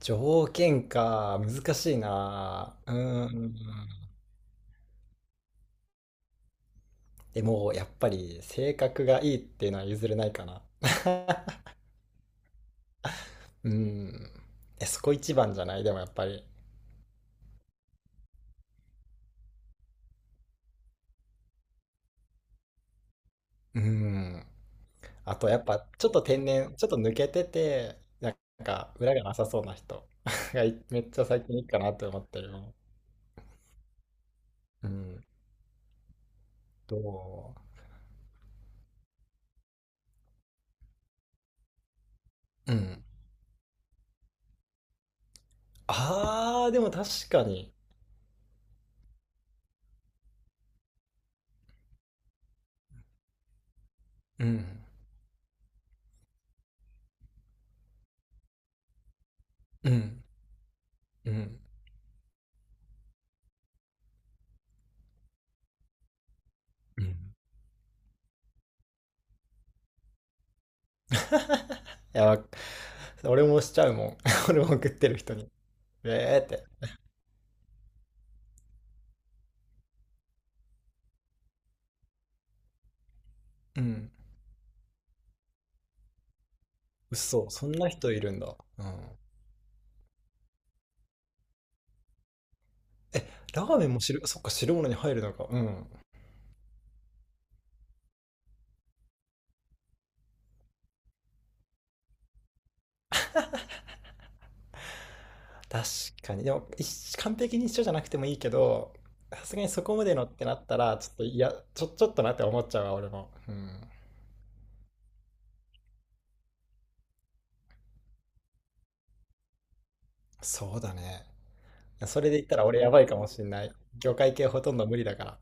条件か、難しいな。うーん。でも、やっぱり性格がいいっていうのは譲れないかな。うーん。え、そこ一番じゃないでもやっぱり。うーん。あと、やっぱ、ちょっと天然、ちょっと抜けてて、なんか、裏がなさそうな人 がいめっちゃ最近いいかなって思ってるよ。うん。どうん。あー、でも確かに。うん。うん。うん。うん。いや、俺もしちゃうもん。俺も送ってる人に。えーって。うん。嘘、そんな人いるんだ。うん。え、ラーメンも汁、そっか、汁物に入るのか。うん。確かに。でも、一完璧に一緒じゃなくてもいいけど、さすがにそこまでのってなったら、ちょっと、いや、ちょっとなって思っちゃうわ、俺も。うん。そうだね。それで言ったら俺やばいかもしんない。魚介系ほとんど無理だから。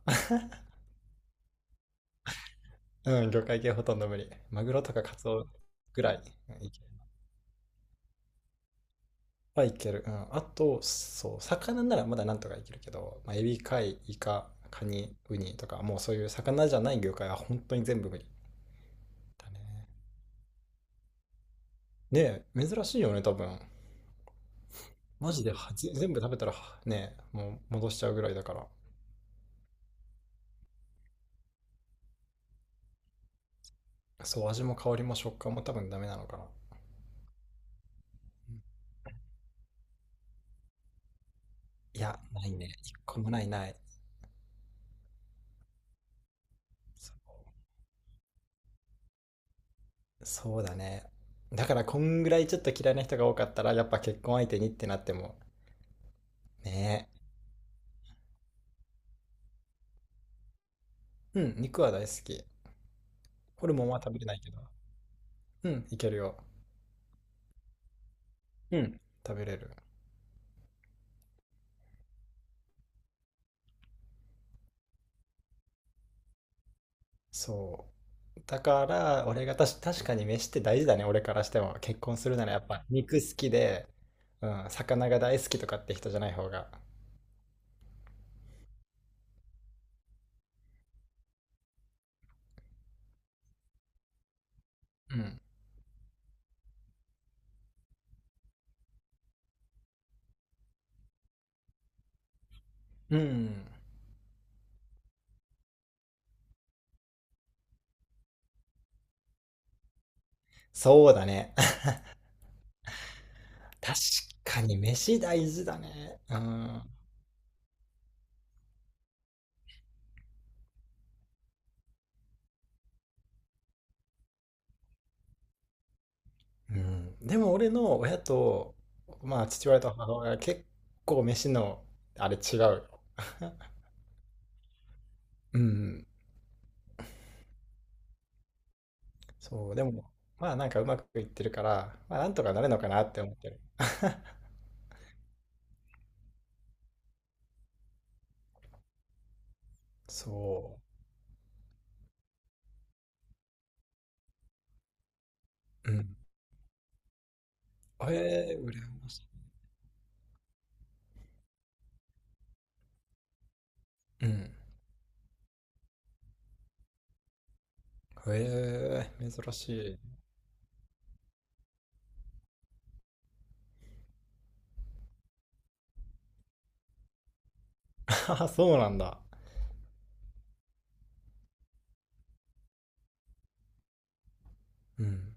うん、魚介系ほとんど無理。マグロとかカツオぐらい。いはいける。うん。あと、そう、魚ならまだなんとかいけるけど、まあ、エビ、貝、イカ、カニ、ウニとか、もうそういう魚じゃない魚介は本当に全部無理だね。ねえ、珍しいよね、多分。マジで全部食べたらね、もう戻しちゃうぐらいだから。そう、味も香りも食感も多分ダメなのかな。うん。いや、ないね。一個もない。そそうだね。だからこんぐらいちょっと嫌いな人が多かったら、やっぱ結婚相手にってなっても、ねえ。うん、肉は大好き。ホルモンは食べれないけど。うん、いけるよ。うん。食べれる。そう。だから、俺がたし、確かに飯って大事だね、俺からしても。結婚するならやっぱ肉好きで、うん、魚が大好きとかって人じゃない方が。うん。うん。そうだね。確かに飯大事だね。うん。うん。でも俺の親と、まあ父親と母親は結構飯の、あれ違うよ。うん。そう、でも、まあなんかうまくいってるから、まあなんとかなるのかなって思ってる。そう。うん。ええー、羨ましい。うん。ええー、珍しい。あ、そうなんだ。うん。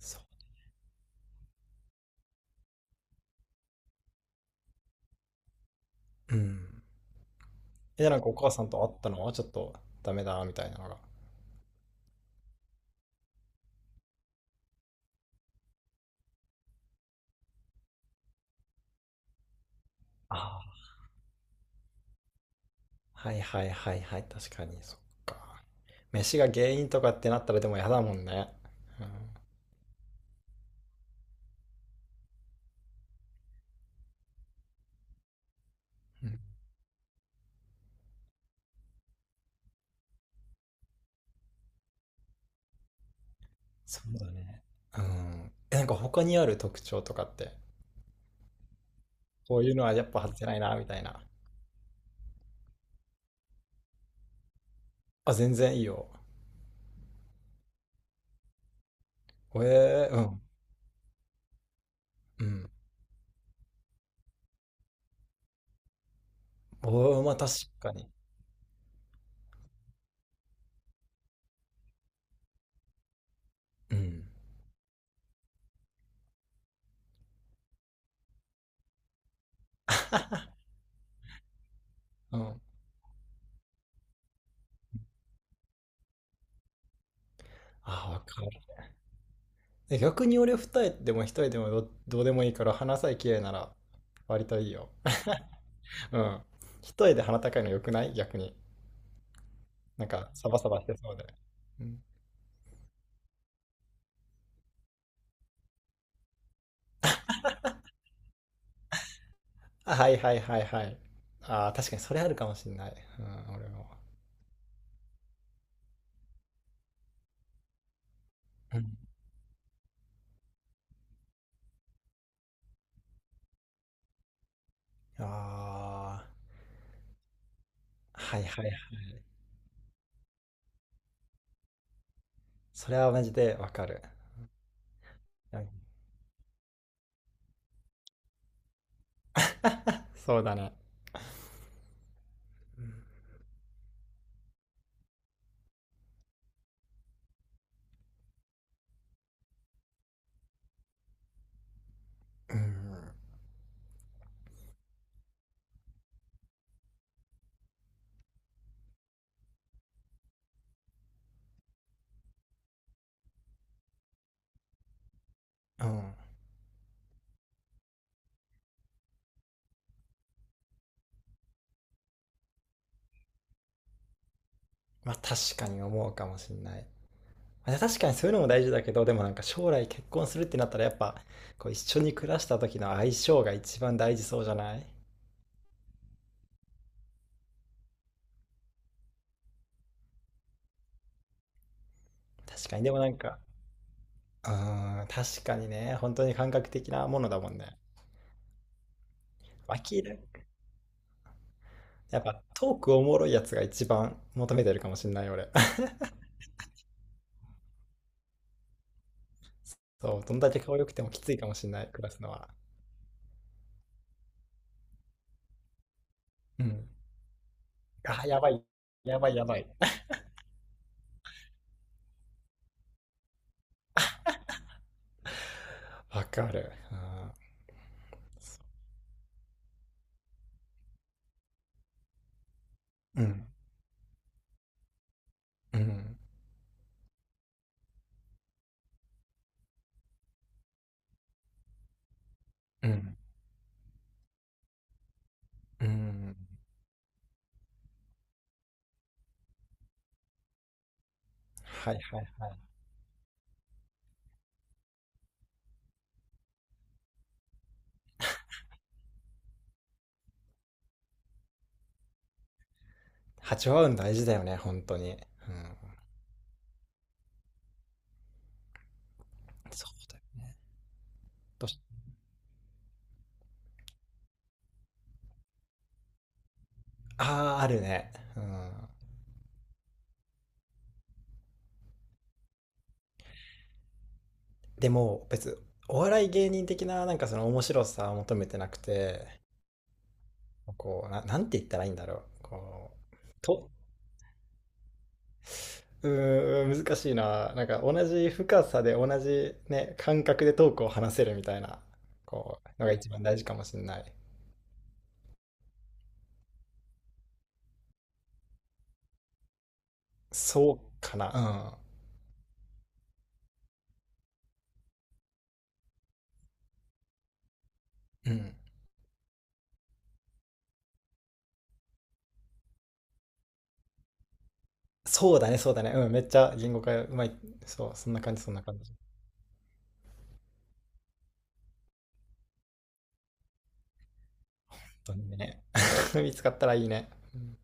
そう。うん。え、なんかお母さんと会ったのはちょっとダメだみたいなのが。ああ、はいはいはいはい、確かに、そっか。飯が原因とかってなったらでも嫌だもんね。うん。うん。そうだね。うん。え、なんか他にある特徴とかって、こういうのはやっぱ外せないな、みたいな。あ、全然いいよ。えー、うん、うん。おー、まあ確かに。うん。うん。あ、わかる。え、逆に俺二重でも一重でもどうでもいいから鼻さえ綺麗なら割といいよ。うん。一重で鼻高いの良くない逆に。なんかサバサバしてそうで。うん。あ、はいはいはいはい。ああ、確かにそれあるかもしんない。うん、俺も。うん。ああ、はいはいはい。それはマジでわかる。うん。 そうだね。うん。うん。まあ確かに思うかもしんない。まあ確かにそういうのも大事だけど、でもなんか将来結婚するってなったらやっぱ、こう一緒に暮らした時の相性が一番大事そうじゃない？確かに、でもなんか、うん、確かにね、本当に感覚的なものだもんね。脇で、やっぱトークおもろいやつが一番求めてるかもしんない、俺。そう、どんだけ顔良くてもきついかもしんない、暮らすのは。うん。あ、やばい。やばい、やばい。わかる。うん。うん。うん。うん。うん。はいはい。波長合うん大事だよね、本当に。うん。そうだよね。どうし、ああー、あるね。うん。でも、別に、お笑い芸人的な、なんかその面白さを求めてなくて、こう、な、なんて言ったらいいんだろう。こう、と、うーん、難しいな。なんか同じ深さで同じね、感覚でトークを話せるみたいな、こう、のが一番大事かもしれない。そうかな。うん。うん。そうだね、そうだね。うん、めっちゃ言語化うまい。そう、そんな感じ、そんな感じ。本当にね。見つかったらいいね。うん。